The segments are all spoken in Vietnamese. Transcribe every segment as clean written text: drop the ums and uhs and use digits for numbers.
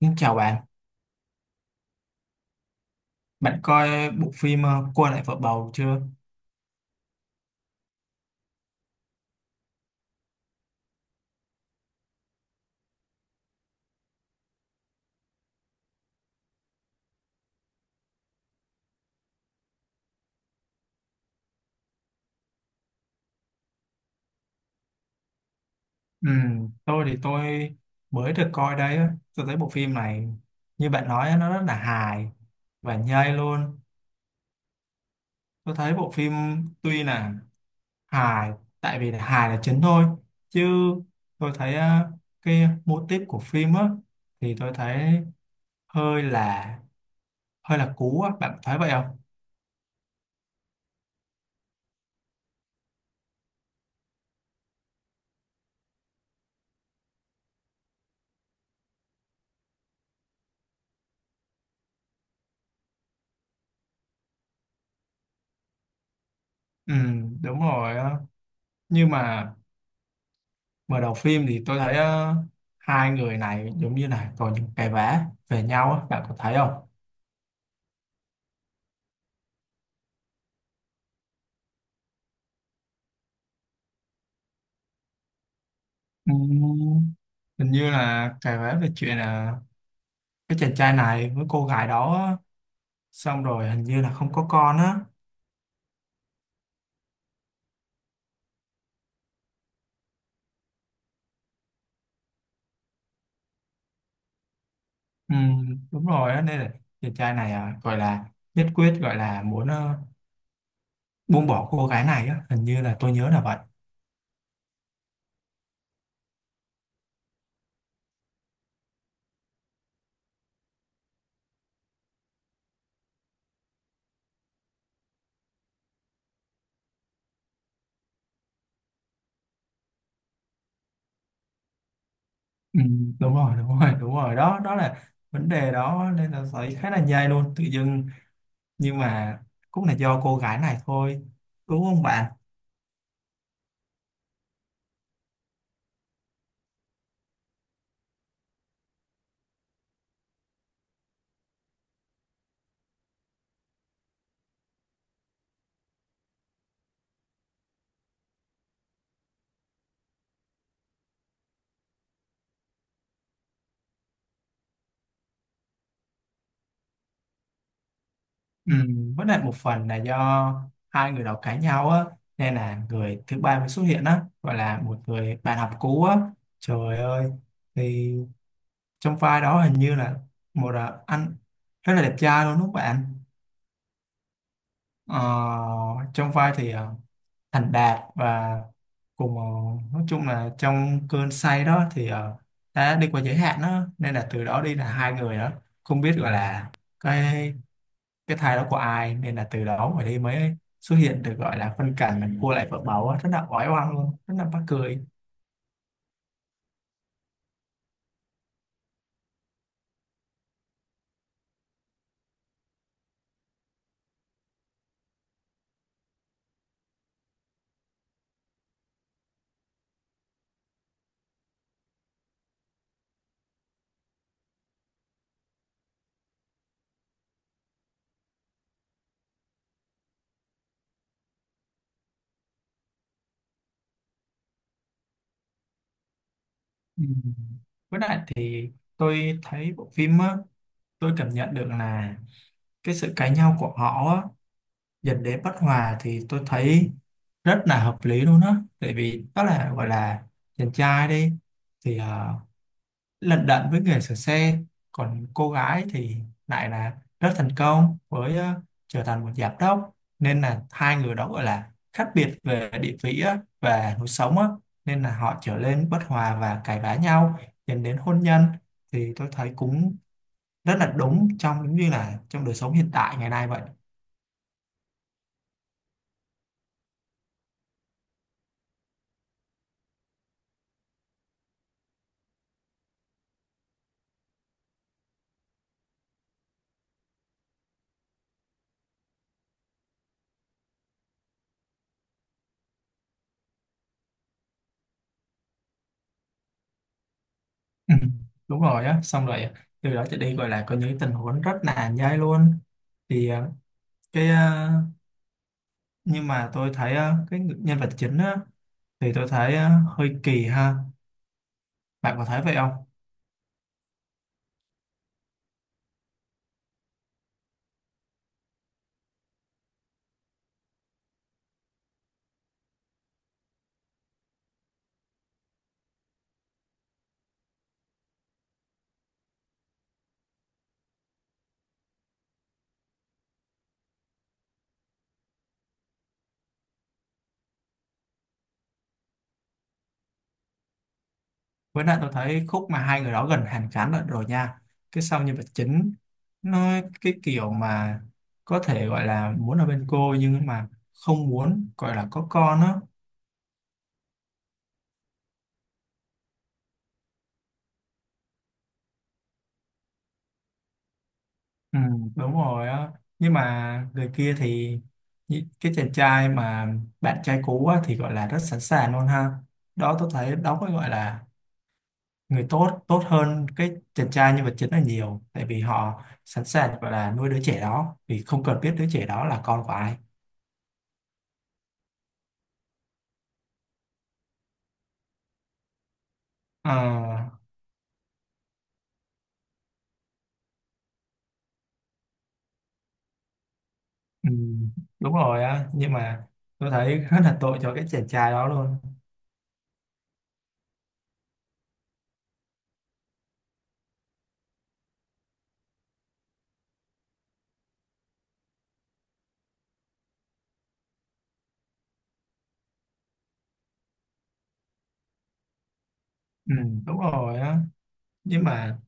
Xin chào bạn, bạn coi bộ phim Cô lại vợ bầu chưa? Ừ, tôi mới được coi đấy, á. Tôi thấy bộ phim này như bạn nói á, nó rất là hài và nhây luôn. Tôi thấy bộ phim tuy là hài, tại vì là hài là chính thôi, chứ tôi thấy cái mô típ của phim á thì tôi thấy hơi là hơi là cũ á, bạn thấy vậy không? Ừ, đúng rồi, á. Nhưng mà mở đầu phim thì tôi thấy hai người này giống như là có những cái vẽ về nhau á, bạn có thấy không? Ừm, Hình như là cái vẽ về chuyện là cái chàng trai này với cô gái đó á, xong rồi hình như là không có con á. Đúng rồi á, nên là chàng trai này à, gọi là nhất quyết gọi là muốn buông bỏ cô gái này á, hình như là tôi nhớ là vậy. Đúng rồi đúng rồi đúng rồi, đó đó là vấn đề đó nên là thấy khá là nhây luôn tự dưng, nhưng mà cũng là do cô gái này thôi, đúng không bạn? Ừ, với lại một phần là do hai người đó cãi nhau á, nên là người thứ ba mới xuất hiện á, gọi là một người bạn học cũ á, trời ơi, thì trong vai đó hình như là một à, anh rất là đẹp trai luôn đúng không bạn? ờ, Trong vai thì à, thành đạt và cùng nói chung là trong cơn say đó thì đã đi qua giới hạn đó nên là từ đó đi là hai người đó không biết gọi là cái cái thai đó của ai, nên là từ đó mà đi mới xuất hiện được gọi là phân cảnh là cua lại vợ bầu á, rất là oái oăm luôn, rất là mắc cười. Ừ, với lại thì tôi thấy bộ phim á, tôi cảm nhận được là cái sự cãi nhau của họ á, dẫn đến bất hòa thì tôi thấy rất là hợp lý luôn á, tại vì đó là gọi là chàng trai đi thì lận đận với nghề sửa xe, còn cô gái thì lại là rất thành công với trở thành một giám đốc, nên là hai người đó gọi là khác biệt về địa vị á, và lối sống á, nên là họ trở nên bất hòa và cãi vã nhau dẫn đến hôn nhân, thì tôi thấy cũng rất là đúng trong giống như là trong đời sống hiện tại ngày nay vậy. Ừ, đúng rồi á, xong rồi à, từ đó trở đi gọi là có những tình huống rất là nhai luôn, thì cái ờ, nhưng mà tôi thấy cái nhân vật chính á thì tôi thấy hơi kỳ ha, bạn có thấy vậy không? Với lại tôi thấy khúc mà hai người đó gần hàn gắn lại rồi nha, cái sau nhân vật chính nó cái kiểu mà có thể gọi là muốn ở bên cô nhưng mà không muốn gọi là có con á. Ừ, đúng rồi á, nhưng mà người kia thì cái chàng trai mà bạn trai cũ á, thì gọi là rất sẵn sàng luôn ha, đó tôi thấy đó mới gọi là người tốt, tốt hơn cái chàng trai nhân vật chính là nhiều, tại vì họ sẵn sàng gọi là nuôi đứa trẻ đó vì không cần biết đứa trẻ đó là con của ai. À, ừ, đúng rồi á, nhưng mà tôi thấy rất là tội cho cái chàng trai đó luôn. Ừ, đúng rồi á, nhưng mà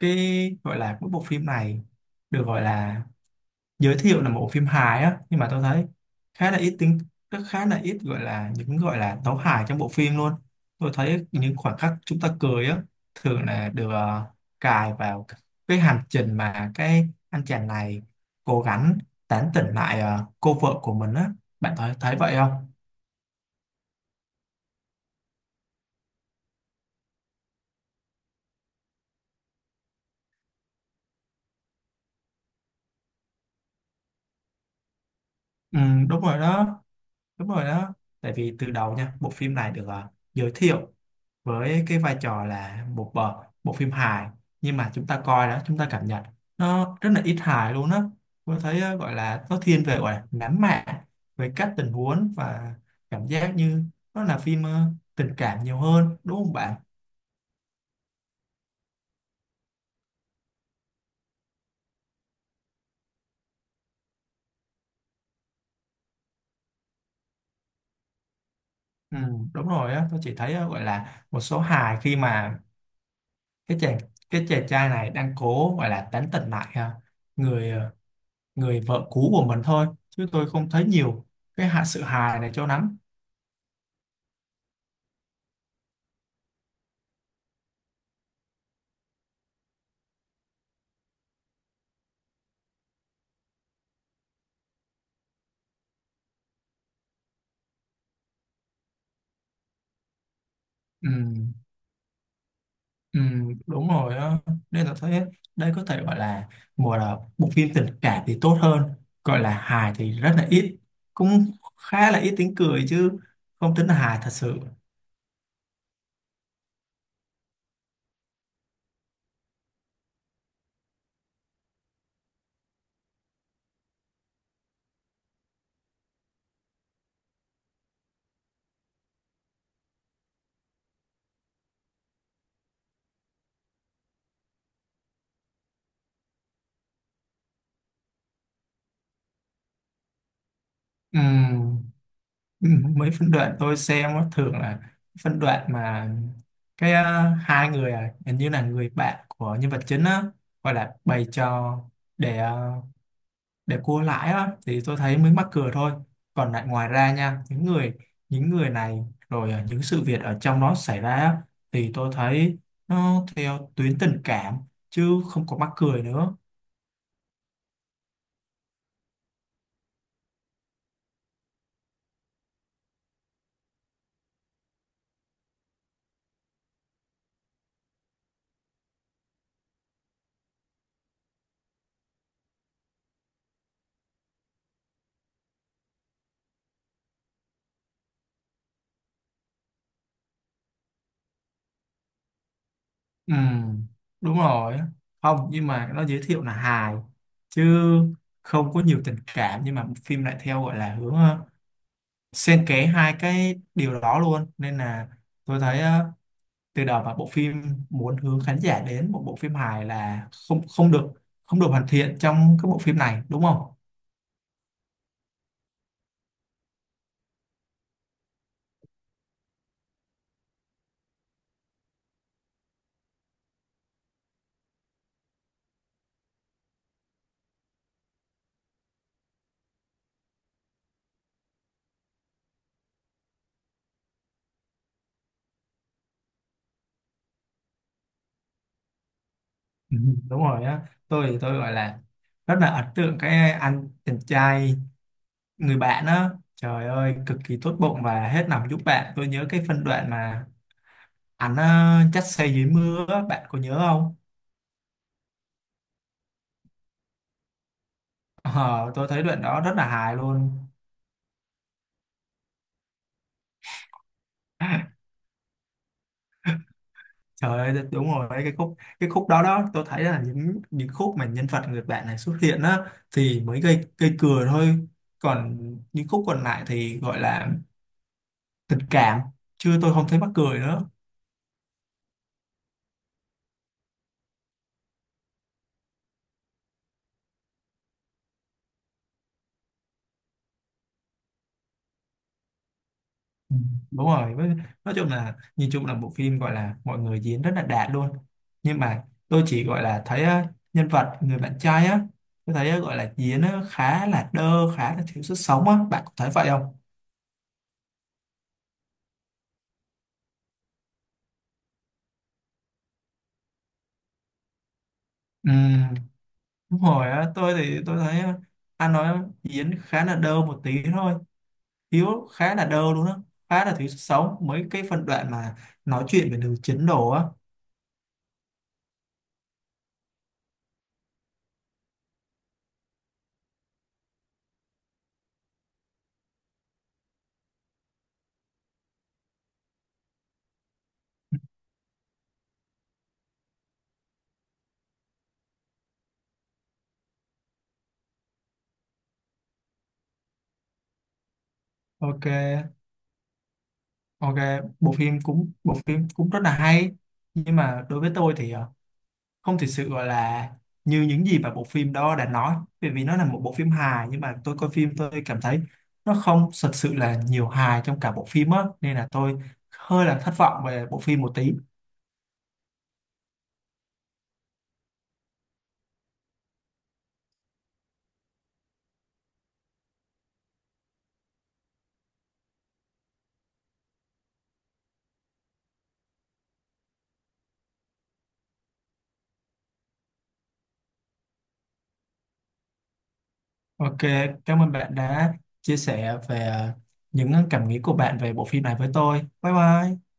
cái gọi là cái bộ phim này được gọi là giới thiệu là một bộ phim hài á, nhưng mà tôi thấy khá là ít tính, rất khá là ít gọi là những gọi là tấu hài trong bộ phim luôn. Tôi thấy những khoảnh khắc chúng ta cười á, thường là được cài vào cái hành trình mà cái anh chàng này cố gắng tán tỉnh lại cô vợ của mình á, bạn thấy thấy vậy không? Ừ, đúng rồi đó, đúng rồi đó, tại vì từ đầu nha, bộ phim này được giới thiệu với cái vai trò là một bộ phim hài, nhưng mà chúng ta coi đó chúng ta cảm nhận nó rất là ít hài luôn á. Tôi thấy gọi là nó thiên về gọi là nắm mạc về các tình huống, và cảm giác như nó là phim tình cảm nhiều hơn đúng không bạn? Ừ, đúng rồi á, tôi chỉ thấy gọi là một số hài khi mà cái chàng cái chàng trai này đang cố gọi là tán tỉnh lại người ờ, người vợ cũ của mình thôi, chứ tôi không thấy nhiều cái hạ sự hài này cho lắm. Ừ. Ừ, đúng rồi á, nên là thấy đây có thể gọi là một là bộ phim tình cảm thì tốt hơn, gọi là hài thì rất là ít, cũng khá là ít tiếng cười, chứ không tính là hài thật sự. Ừ, ừ, mấy phân đoạn tôi xem á, thường là phân đoạn mà hai người à, hình như là người bạn của nhân vật chính á, gọi là bày trò để để cua lãi á, thì tôi thấy mới mắc cười thôi, còn lại ngoài ra nha, những người này rồi à, những sự việc ở trong đó xảy ra á, thì tôi thấy nó theo tuyến tình cảm chứ không có mắc cười nữa. Ừ, đúng rồi, không nhưng mà nó giới thiệu là hài chứ không có nhiều tình cảm, nhưng mà phim lại theo gọi là hướng xen kẽ hai cái điều đó luôn, nên là tôi thấy từ đó mà bộ phim muốn hướng khán giả đến một bộ phim hài là không không được, không được hoàn thiện trong cái bộ phim này, đúng không? Ừ, đúng rồi á, tôi gọi là rất là ấn tượng cái anh chàng trai, người bạn á, trời ơi cực kỳ tốt bụng và hết lòng giúp bạn. Tôi nhớ cái phân đoạn mà anh dắt xe dưới mưa á, bạn có nhớ không? Ờ, tôi thấy đoạn đó rất là hài luôn. Trời ơi, đúng rồi đấy, cái khúc đó đó, tôi thấy là những khúc mà nhân vật người bạn này xuất hiện á thì mới gây gây cười thôi, còn những khúc còn lại thì gọi là tình cảm, chứ tôi không thấy mắc cười nữa. Ừ, đúng rồi nói chung là nhìn chung là bộ phim gọi là mọi người diễn rất là đạt luôn, nhưng mà tôi chỉ gọi là thấy á, nhân vật người bạn trai á, tôi thấy á, gọi là diễn á, khá là đơ, khá là thiếu sức sống á, bạn có thấy vậy không? Ừ, đúng rồi á, tôi thấy anh nói diễn khá là đơ một tí thôi, Hiếu khá là đơ luôn á, khá là thiếu sức sống mấy cái phân đoạn mà nói chuyện về nữ chính đồ á. Ok, ok, bộ phim cũng rất là hay, nhưng mà đối với tôi thì không thực sự gọi là như những gì mà bộ phim đó đã nói, bởi vì nó là một bộ phim hài, nhưng mà tôi coi phim tôi cảm thấy nó không thật sự là nhiều hài trong cả bộ phim á, nên là tôi hơi là thất vọng về bộ phim một tí. Ok, cảm ơn bạn đã chia sẻ về cảm nghĩ của bạn về bộ phim này với tôi. Bye bye.